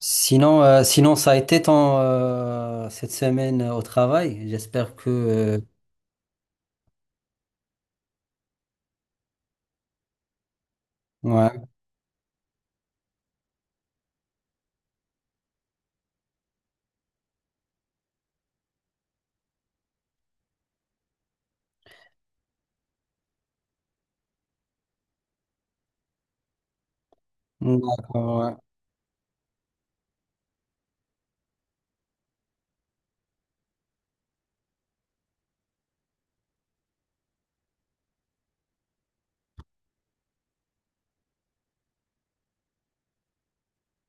Sinon, ça a été ton cette semaine au travail. J'espère que ouais. D'accord, ouais.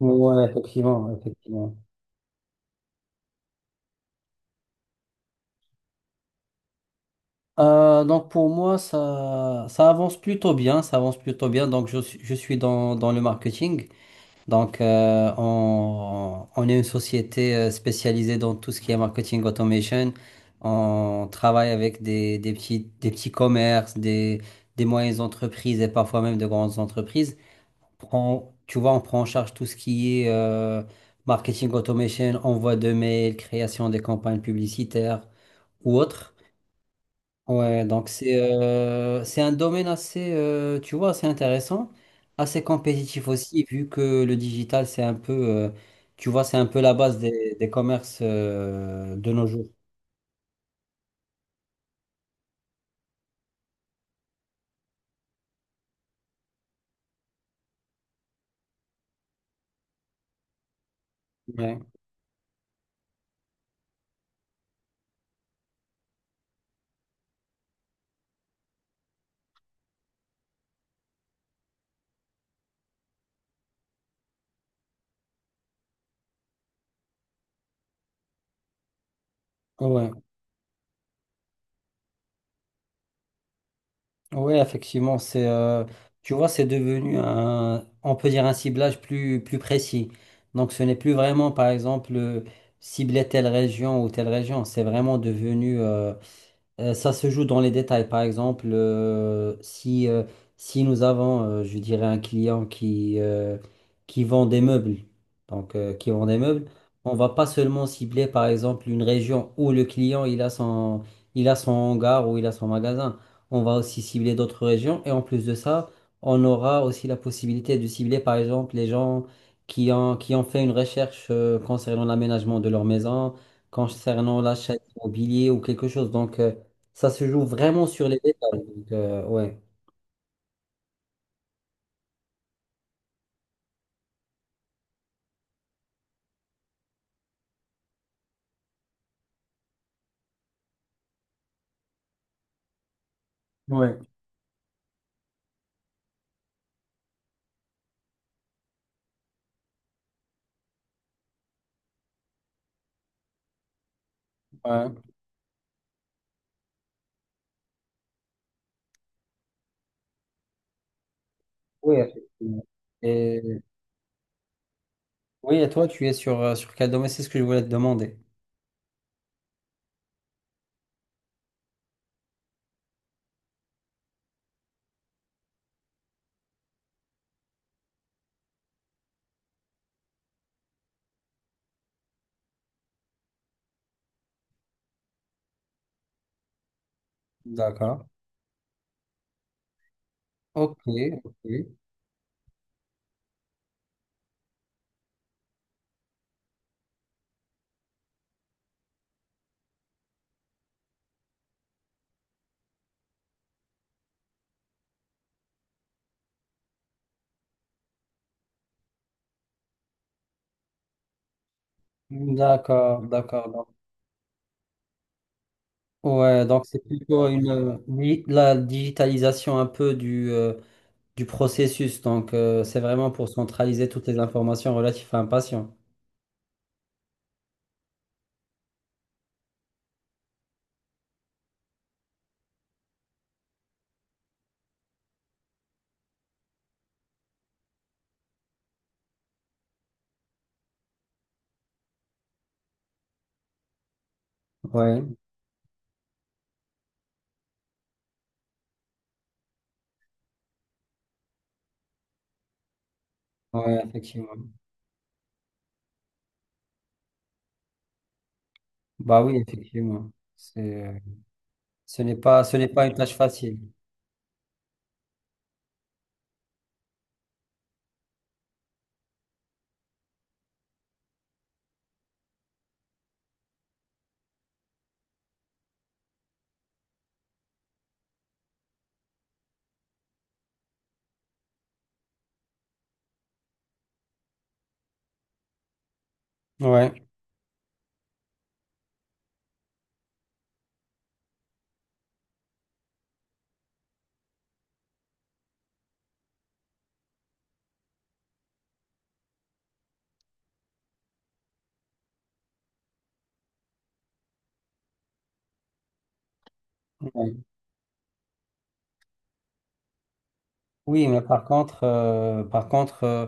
Ouais, effectivement, effectivement. Donc pour moi, ça avance plutôt bien, ça avance plutôt bien. Donc je suis dans le marketing. Donc on est une société spécialisée dans tout ce qui est marketing automation. On travaille avec des petits commerces, des moyennes entreprises et parfois même de grandes entreprises. Prend, tu vois, on prend en charge tout ce qui est marketing automation, envoi de mails, création des campagnes publicitaires ou autres. Ouais, donc c'est un domaine assez, tu vois, assez intéressant, assez compétitif aussi, vu que le digital, c'est un peu, tu vois, c'est un peu la base des commerces de nos jours. Ouais. Ouais. Oui, effectivement, tu vois, c'est devenu un, on peut dire un ciblage plus, plus précis. Donc, ce n'est plus vraiment, par exemple, cibler telle région ou telle région. C'est vraiment devenu, ça se joue dans les détails. Par exemple, si nous avons, je dirais, un client qui qui vend des meubles, donc qui vend des meubles, on va pas seulement cibler, par exemple, une région où le client il a son hangar ou il a son magasin. On va aussi cibler d'autres régions. Et en plus de ça, on aura aussi la possibilité de cibler, par exemple, les gens qui ont fait une recherche concernant l'aménagement de leur maison, concernant l'achat immobilier ou quelque chose. Donc, ça se joue vraiment sur les détails. Donc, ouais. Ouais, ouais. Oui, effectivement. Et, oui, et toi, tu es sur, sur quel domaine? C'est ce que je voulais te demander. D'accord. Ok, ok. D'accord, d'accord. donc- Ouais, donc c'est plutôt une, la digitalisation un peu du du processus. Donc, c'est vraiment pour centraliser toutes les informations relatives à un patient. Ouais, ouais, effectivement. Bah oui, effectivement. C'est, euh, ce n'est pas une tâche facile. Ouais. Oui, mais par contre, par contre,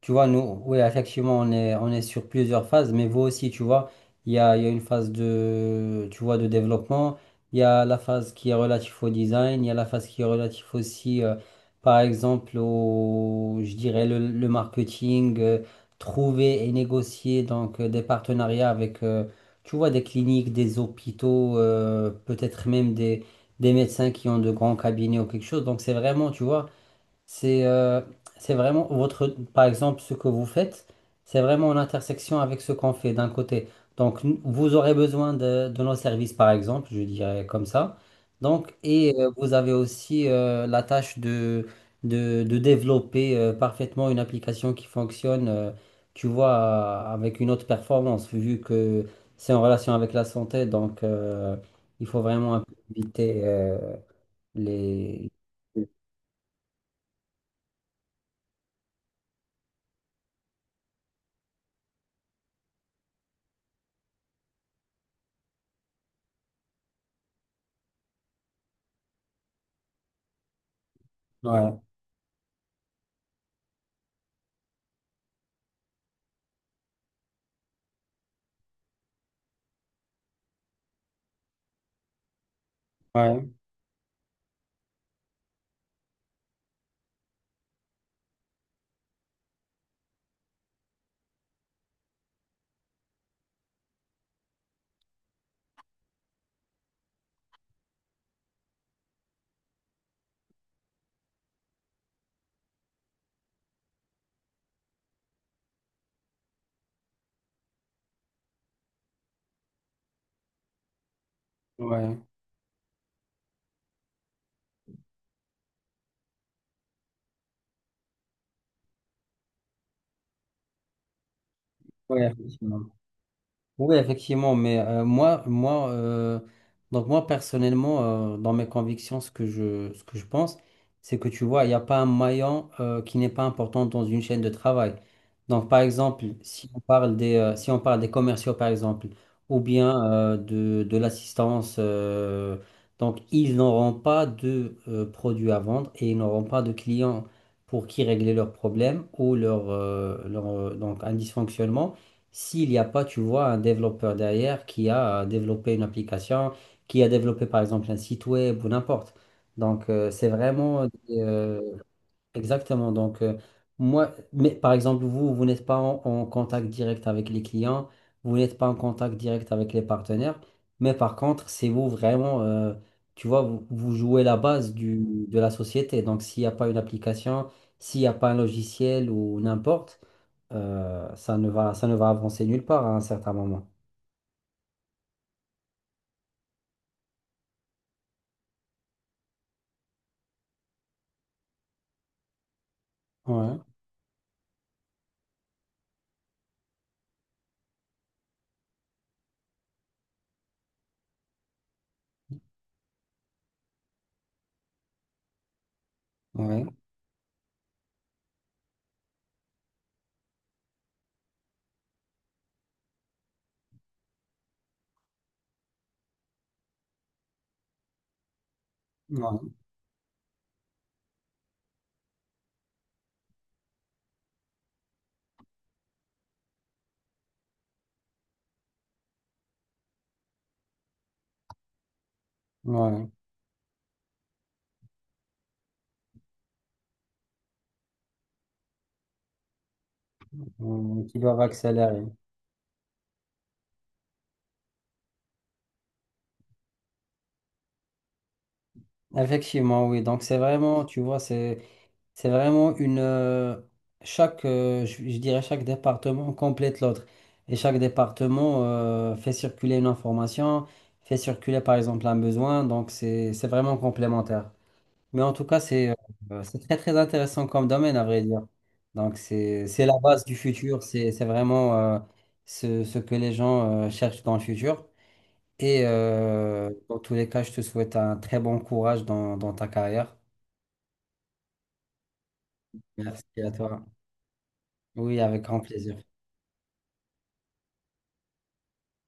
tu vois, nous, oui, effectivement, on est sur plusieurs phases, mais vous aussi, tu vois, il y a une phase de, tu vois, de développement, il y a la phase qui est relative au design, il y a la phase qui est relative aussi, par exemple, au, je dirais, le marketing, trouver et négocier donc des partenariats avec, tu vois, des cliniques, des hôpitaux, peut-être même des médecins qui ont de grands cabinets ou quelque chose. Donc, c'est vraiment, tu vois, c'est euh, c'est vraiment votre, par exemple, ce que vous faites, c'est vraiment en intersection avec ce qu'on fait d'un côté. Donc, n- vous aurez besoin de nos services, par exemple, je dirais comme ça. Donc, et vous avez aussi la tâche de développer parfaitement une application qui fonctionne, tu vois, avec une haute performance, vu que c'est en relation avec la santé. Donc, il faut vraiment un peu éviter les... Ouais, ouais, Ouais, ouais, effectivement. Oui, effectivement, mais moi, donc moi personnellement, dans mes convictions, ce que ce que je pense, c'est que tu vois, il n'y a pas un maillon qui n'est pas important dans une chaîne de travail. Donc, par exemple, si on parle des commerciaux, par exemple, ou bien de l'assistance, donc ils n'auront pas de produits à vendre et ils n'auront pas de clients pour qui régler leurs problèmes ou donc un dysfonctionnement. S'il n'y a pas, tu vois, un développeur derrière qui a développé une application, qui a développé par exemple un site web ou n'importe. Donc, c'est vraiment exactement. Donc, moi, mais par exemple, vous, vous n'êtes pas en contact direct avec les clients, vous n'êtes pas en contact direct avec les partenaires, mais par contre, c'est vous vraiment, tu vois, vous jouez la base de la société. Donc, s'il n'y a pas une application, s'il n'y a pas un logiciel ou n'importe ça ne va avancer nulle part à un certain moment. Ouais, ouais, ouais, ouais. Mm, qui doivent accélérer. Effectivement, oui. Donc, c'est vraiment, tu vois, c'est vraiment une. Je dirais, chaque département complète l'autre. Et chaque département fait circuler une information, fait circuler, par exemple, un besoin. Donc, c'est vraiment complémentaire. Mais en tout cas, c'est très très intéressant comme domaine, à vrai dire. Donc, c'est la base du futur, c'est vraiment ce, ce que les gens cherchent dans le futur. Et dans tous les cas, je te souhaite un très bon courage dans, dans ta carrière. Merci à toi. Oui, avec grand plaisir.